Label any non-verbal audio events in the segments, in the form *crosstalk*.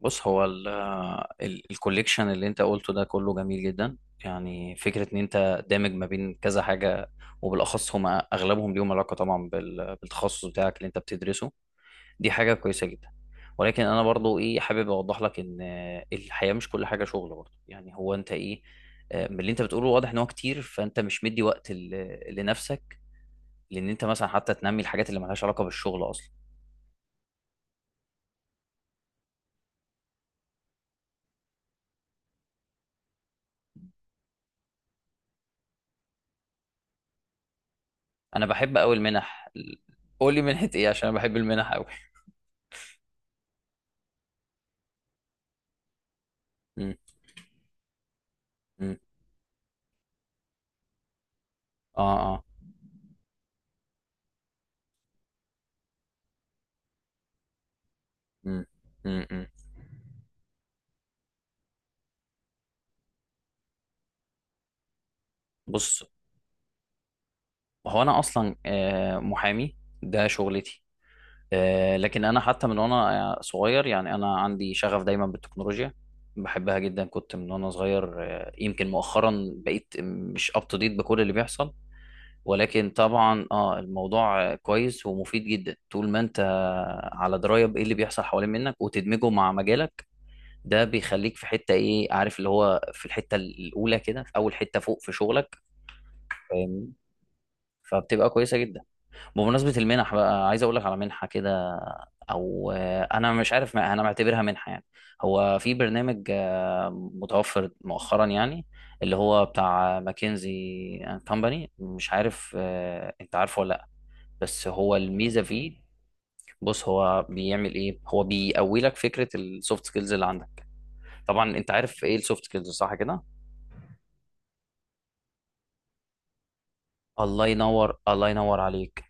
بص هو الكوليكشن اللي انت قلته ده كله جميل جدا. يعني فكرة ان انت دامج ما بين كذا حاجة، وبالاخص هما اغلبهم ليهم علاقة طبعا بالتخصص بتاعك اللي انت بتدرسه. دي حاجة كويسة جدا. ولكن انا برضو ايه حابب اوضح لك ان الحياة مش كل حاجة شغل برضو. يعني هو انت ايه، من اللي انت بتقوله واضح ان هو كتير، فانت مش مدي وقت لنفسك. لان انت مثلا حتى تنمي الحاجات اللي ملهاش علاقة بالشغل اصلا. انا بحب قوي المنح. قول لي منحة ايه، عشان انا بحب المنح قوي. مم. اه، اه. مم. مم. مم. بص، هو انا اصلا محامي. ده شغلتي. لكن انا حتى من وانا صغير، يعني انا عندي شغف دايما بالتكنولوجيا. بحبها جدا، كنت من وانا صغير. يمكن مؤخرا بقيت مش اب تو ديت بكل اللي بيحصل. ولكن طبعا الموضوع كويس ومفيد جدا طول ما انت على درايه بايه اللي بيحصل حوالين منك وتدمجه مع مجالك. ده بيخليك في حته ايه، عارف، اللي هو في الحته الاولى كده، في اول حته فوق في شغلك. فاهمني؟ فبتبقى كويسه جدا. بمناسبه المنح بقى، عايز اقول لك على منحه كده، او انا مش عارف، ما انا معتبرها منحه يعني. هو في برنامج متوفر مؤخرا يعني، اللي هو بتاع ماكنزي اند كومباني. مش عارف، انت عارفه ولا لا؟ بس هو الميزه فيه، بص هو بيعمل ايه، هو بيقوي لك فكره السوفت سكيلز اللي عندك. طبعا انت عارف ايه السوفت سكيلز، صح كده؟ الله ينور، الله ينور عليك.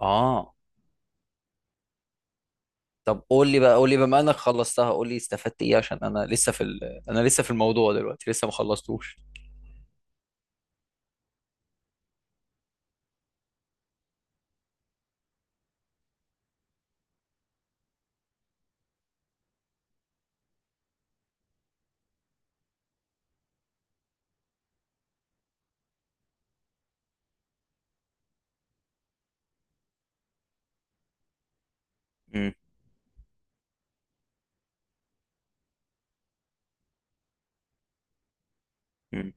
اه. طب قول لي بقى، قول لي بما انك خلصتها، قول لي استفدت ايه، عشان انا لسه في انا لسه في الموضوع، دلوقتي لسه ما خلصتوش. مم. مم.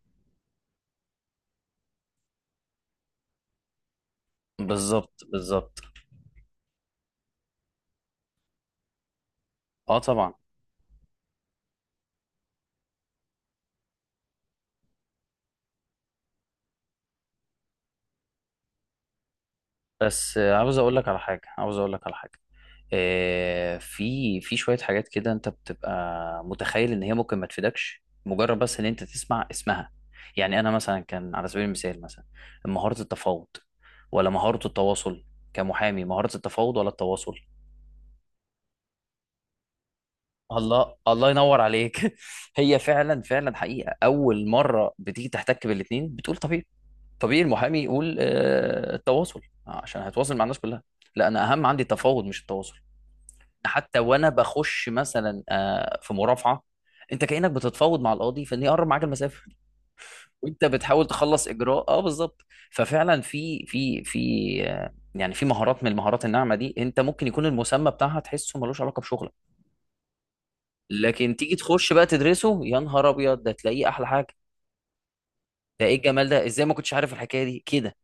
بالظبط، بالظبط. اه، طبعا. بس عاوز اقول لك على حاجه، عاوز اقول لك على حاجه. في شويه حاجات كده انت بتبقى متخيل ان هي ممكن ما تفيدكش مجرد بس ان انت تسمع اسمها. يعني انا مثلا، كان على سبيل المثال، مثلا مهاره التفاوض ولا مهاره التواصل؟ كمحامي، مهاره التفاوض ولا التواصل؟ الله، الله ينور عليك. *laughs* هي فعلا، فعلا حقيقه، اول مره بتيجي تحتك بالاثنين بتقول طبيعي. طبيعي المحامي يقول التواصل، عشان هيتواصل مع الناس كلها. لا، انا اهم عندي التفاوض مش التواصل. حتى وانا بخش مثلا في مرافعه، انت كانك بتتفاوض مع القاضي في ان يقرب معاك المسافه. *laughs* وانت بتحاول تخلص اجراء، بالظبط. ففعلا في يعني في مهارات من المهارات الناعمه دي انت ممكن يكون المسمى بتاعها تحسه ملوش علاقه بشغلك. لكن تيجي تخش بقى تدرسه، يا نهار ابيض، ده تلاقيه احلى حاجه. ده ايه الجمال ده، ازاي ما كنتش عارف الحكايه دي كده؟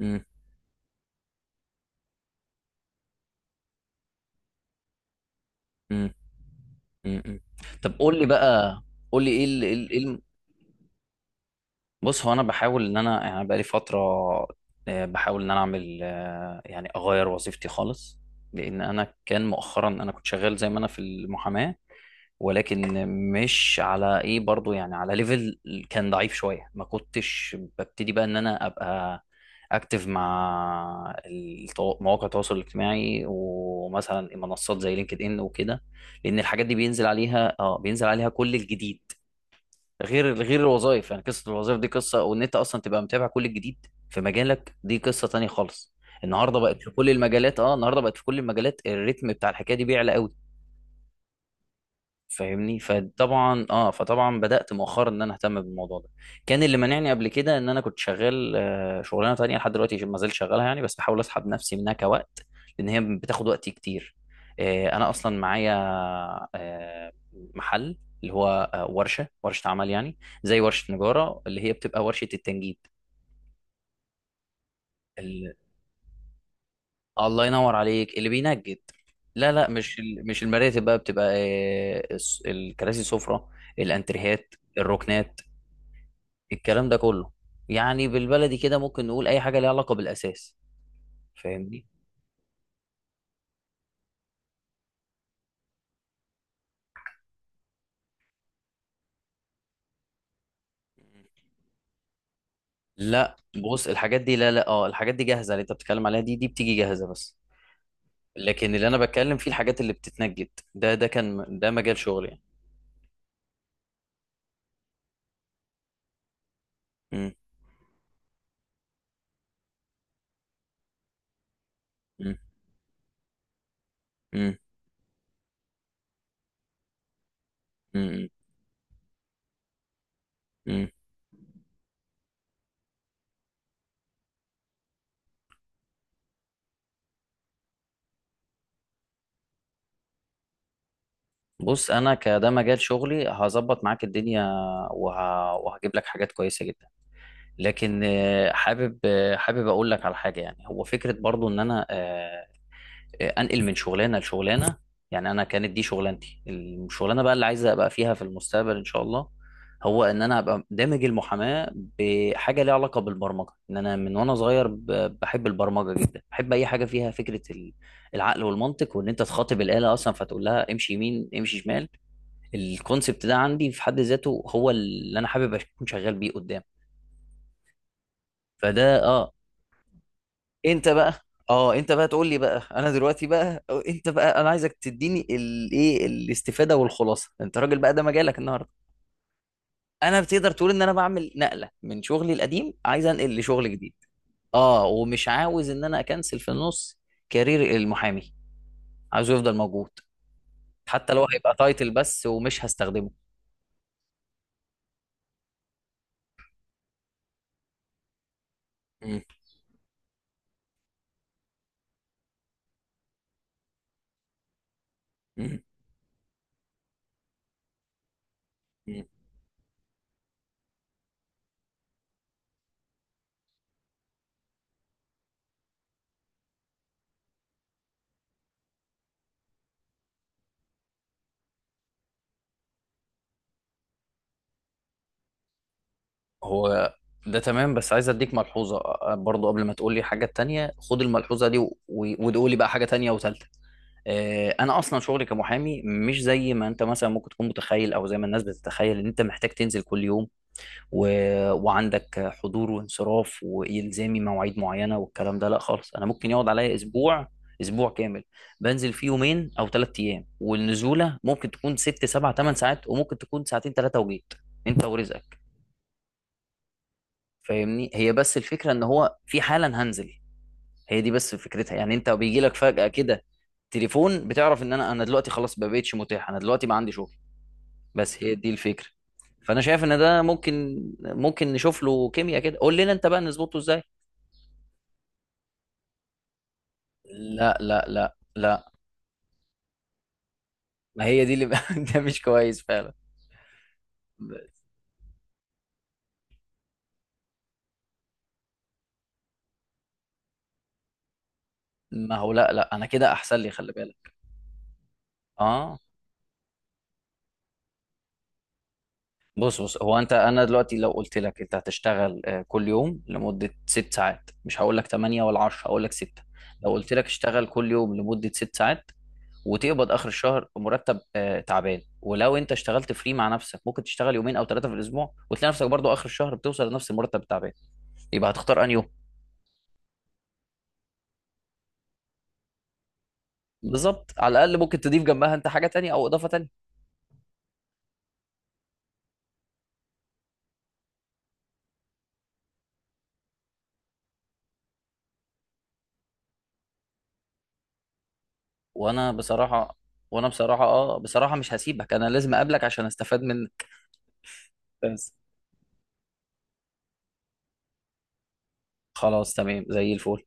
امم. امم. امم. طب قول لي بقى، قول لي ايه؟ بص، هو انا بحاول ان انا، يعني بقالي فتره بحاول ان انا اعمل، يعني اغير وظيفتي خالص. لان انا كان مؤخرا، انا كنت شغال زي ما انا في المحاماه. ولكن مش على ايه برضو، يعني على ليفل كان ضعيف شويه. ما كنتش ببتدي بقى ان انا ابقى اكتف مع مواقع التواصل الاجتماعي، ومثلا منصات زي لينكد ان وكده. لان الحاجات دي بينزل عليها كل الجديد. غير الوظائف، يعني قصه الوظائف دي قصه، وان انت اصلا تبقى متابع كل الجديد في مجالك دي قصه تانية خالص. النهارده بقت في كل المجالات، الريتم بتاع الحكايه دي بيعلى قوي. فاهمني؟ فطبعا بدات مؤخرا ان انا اهتم بالموضوع ده. كان اللي منعني قبل كده ان انا كنت شغال شغلانه تانية، لحد دلوقتي ما زلت شغالها يعني، بس بحاول اسحب نفسي منها كوقت، لان هي بتاخد وقتي كتير. انا اصلا معايا آه، محل، اللي هو ورشه عمل يعني. زي ورشه نجاره، اللي هي بتبقى ورشه التنجيد. ال- الله ينور عليك، اللي بينجد. لا، لا، مش المراتب بقى، بتبقى الكراسي، السفره، الانتريهات، الركنات، الكلام ده كله. يعني بالبلدي كده ممكن نقول اي حاجه ليها علاقه بالاساس. فاهمني؟ لا بص، الحاجات دي، لا لا، الحاجات دي جاهزه، اللي انت بتتكلم عليها دي بتيجي جاهزه بس. لكن اللي انا بتكلم فيه الحاجات اللي بتتنجد. ده كان ده مجال شغلي يعني. مم. مم. مم. مم. مم. بص، انا كده مجال شغلي هظبط معاك الدنيا، وهجيب لك حاجات كويسه جدا. لكن حابب اقول لك على حاجه. يعني هو فكره برضو ان انا انقل من شغلانه لشغلانه. يعني انا كانت دي شغلانتي. الشغلانه بقى اللي عايز ابقى فيها في المستقبل ان شاء الله، هو ان انا ابقى دامج المحاماه بحاجه ليها علاقه بالبرمجه. ان انا من وانا صغير بحب البرمجه جدا. بحب اي حاجه فيها فكره العقل والمنطق، وان انت تخاطب الاله اصلا فتقول لها امشي يمين، امشي شمال. الكونسبت ده عندي في حد ذاته هو اللي انا حابب اكون شغال بيه قدام. فده اه. انت بقى اه انت بقى تقول لي بقى، انا دلوقتي بقى، أو انت بقى، انا عايزك تديني الايه الاستفاده والخلاصه. انت راجل بقى، ده مجالك النهارده. انا، بتقدر تقول ان انا بعمل نقله من شغلي القديم، عايز انقل لشغل جديد. اه، ومش عاوز ان انا اكنسل في النص كارير المحامي. عايزه يفضل موجود، حتى لو هيبقى تايتل بس ومش هستخدمه. مم. مم. مم. هو ده تمام، بس عايز اديك ملحوظه برضو. قبل ما تقول لي حاجه تانية خد الملحوظه دي وتقول لي بقى حاجه تانية وثالثه. انا اصلا شغلي كمحامي مش زي ما انت مثلا ممكن تكون متخيل، او زي ما الناس بتتخيل، ان انت محتاج تنزل كل يوم و... وعندك حضور وانصراف والزامي مواعيد معينه والكلام ده. لا خالص، انا ممكن يقعد عليا اسبوع كامل بنزل فيه يومين او 3 ايام. والنزوله ممكن تكون ست، سبع، ثمان ساعات، وممكن تكون ساعتين، ثلاثه، وجيت انت ورزقك. فاهمني؟ هي بس الفكره ان هو في حالا هنزل، هي دي بس فكرتها. يعني انت بيجي لك فجأة كده تليفون بتعرف ان انا دلوقتي خلاص ما بقتش متاح. انا دلوقتي ما عندي شغل. بس هي دي الفكرة. فانا شايف ان ده ممكن نشوف له كيمياء كده. قول لنا انت بقى نظبطه ازاي. لا، لا، لا، لا، ما هي دي اللي. *laughs* ده مش كويس فعلا. ما هو لا، لا، انا كده احسن لي، خلي بالك. اه، بص هو انت، انا دلوقتي لو قلت لك انت هتشتغل كل يوم لمده 6 ساعات، مش هقول لك 8 ولا 10، هقول لك 6. لو قلت لك اشتغل كل يوم لمده 6 ساعات وتقبض اخر الشهر مرتب تعبان، ولو انت اشتغلت فري مع نفسك ممكن تشتغل يومين او ثلاثه في الاسبوع وتلاقي نفسك برضو اخر الشهر بتوصل لنفس المرتب التعبان، يبقى هتختار انهي يوم؟ بالظبط. على الاقل ممكن تضيف جنبها انت حاجه تانية او اضافه تانية. وانا بصراحه وانا بصراحه اه بصراحه مش هسيبك، انا لازم اقابلك عشان استفاد منك. بس، خلاص تمام زي الفل.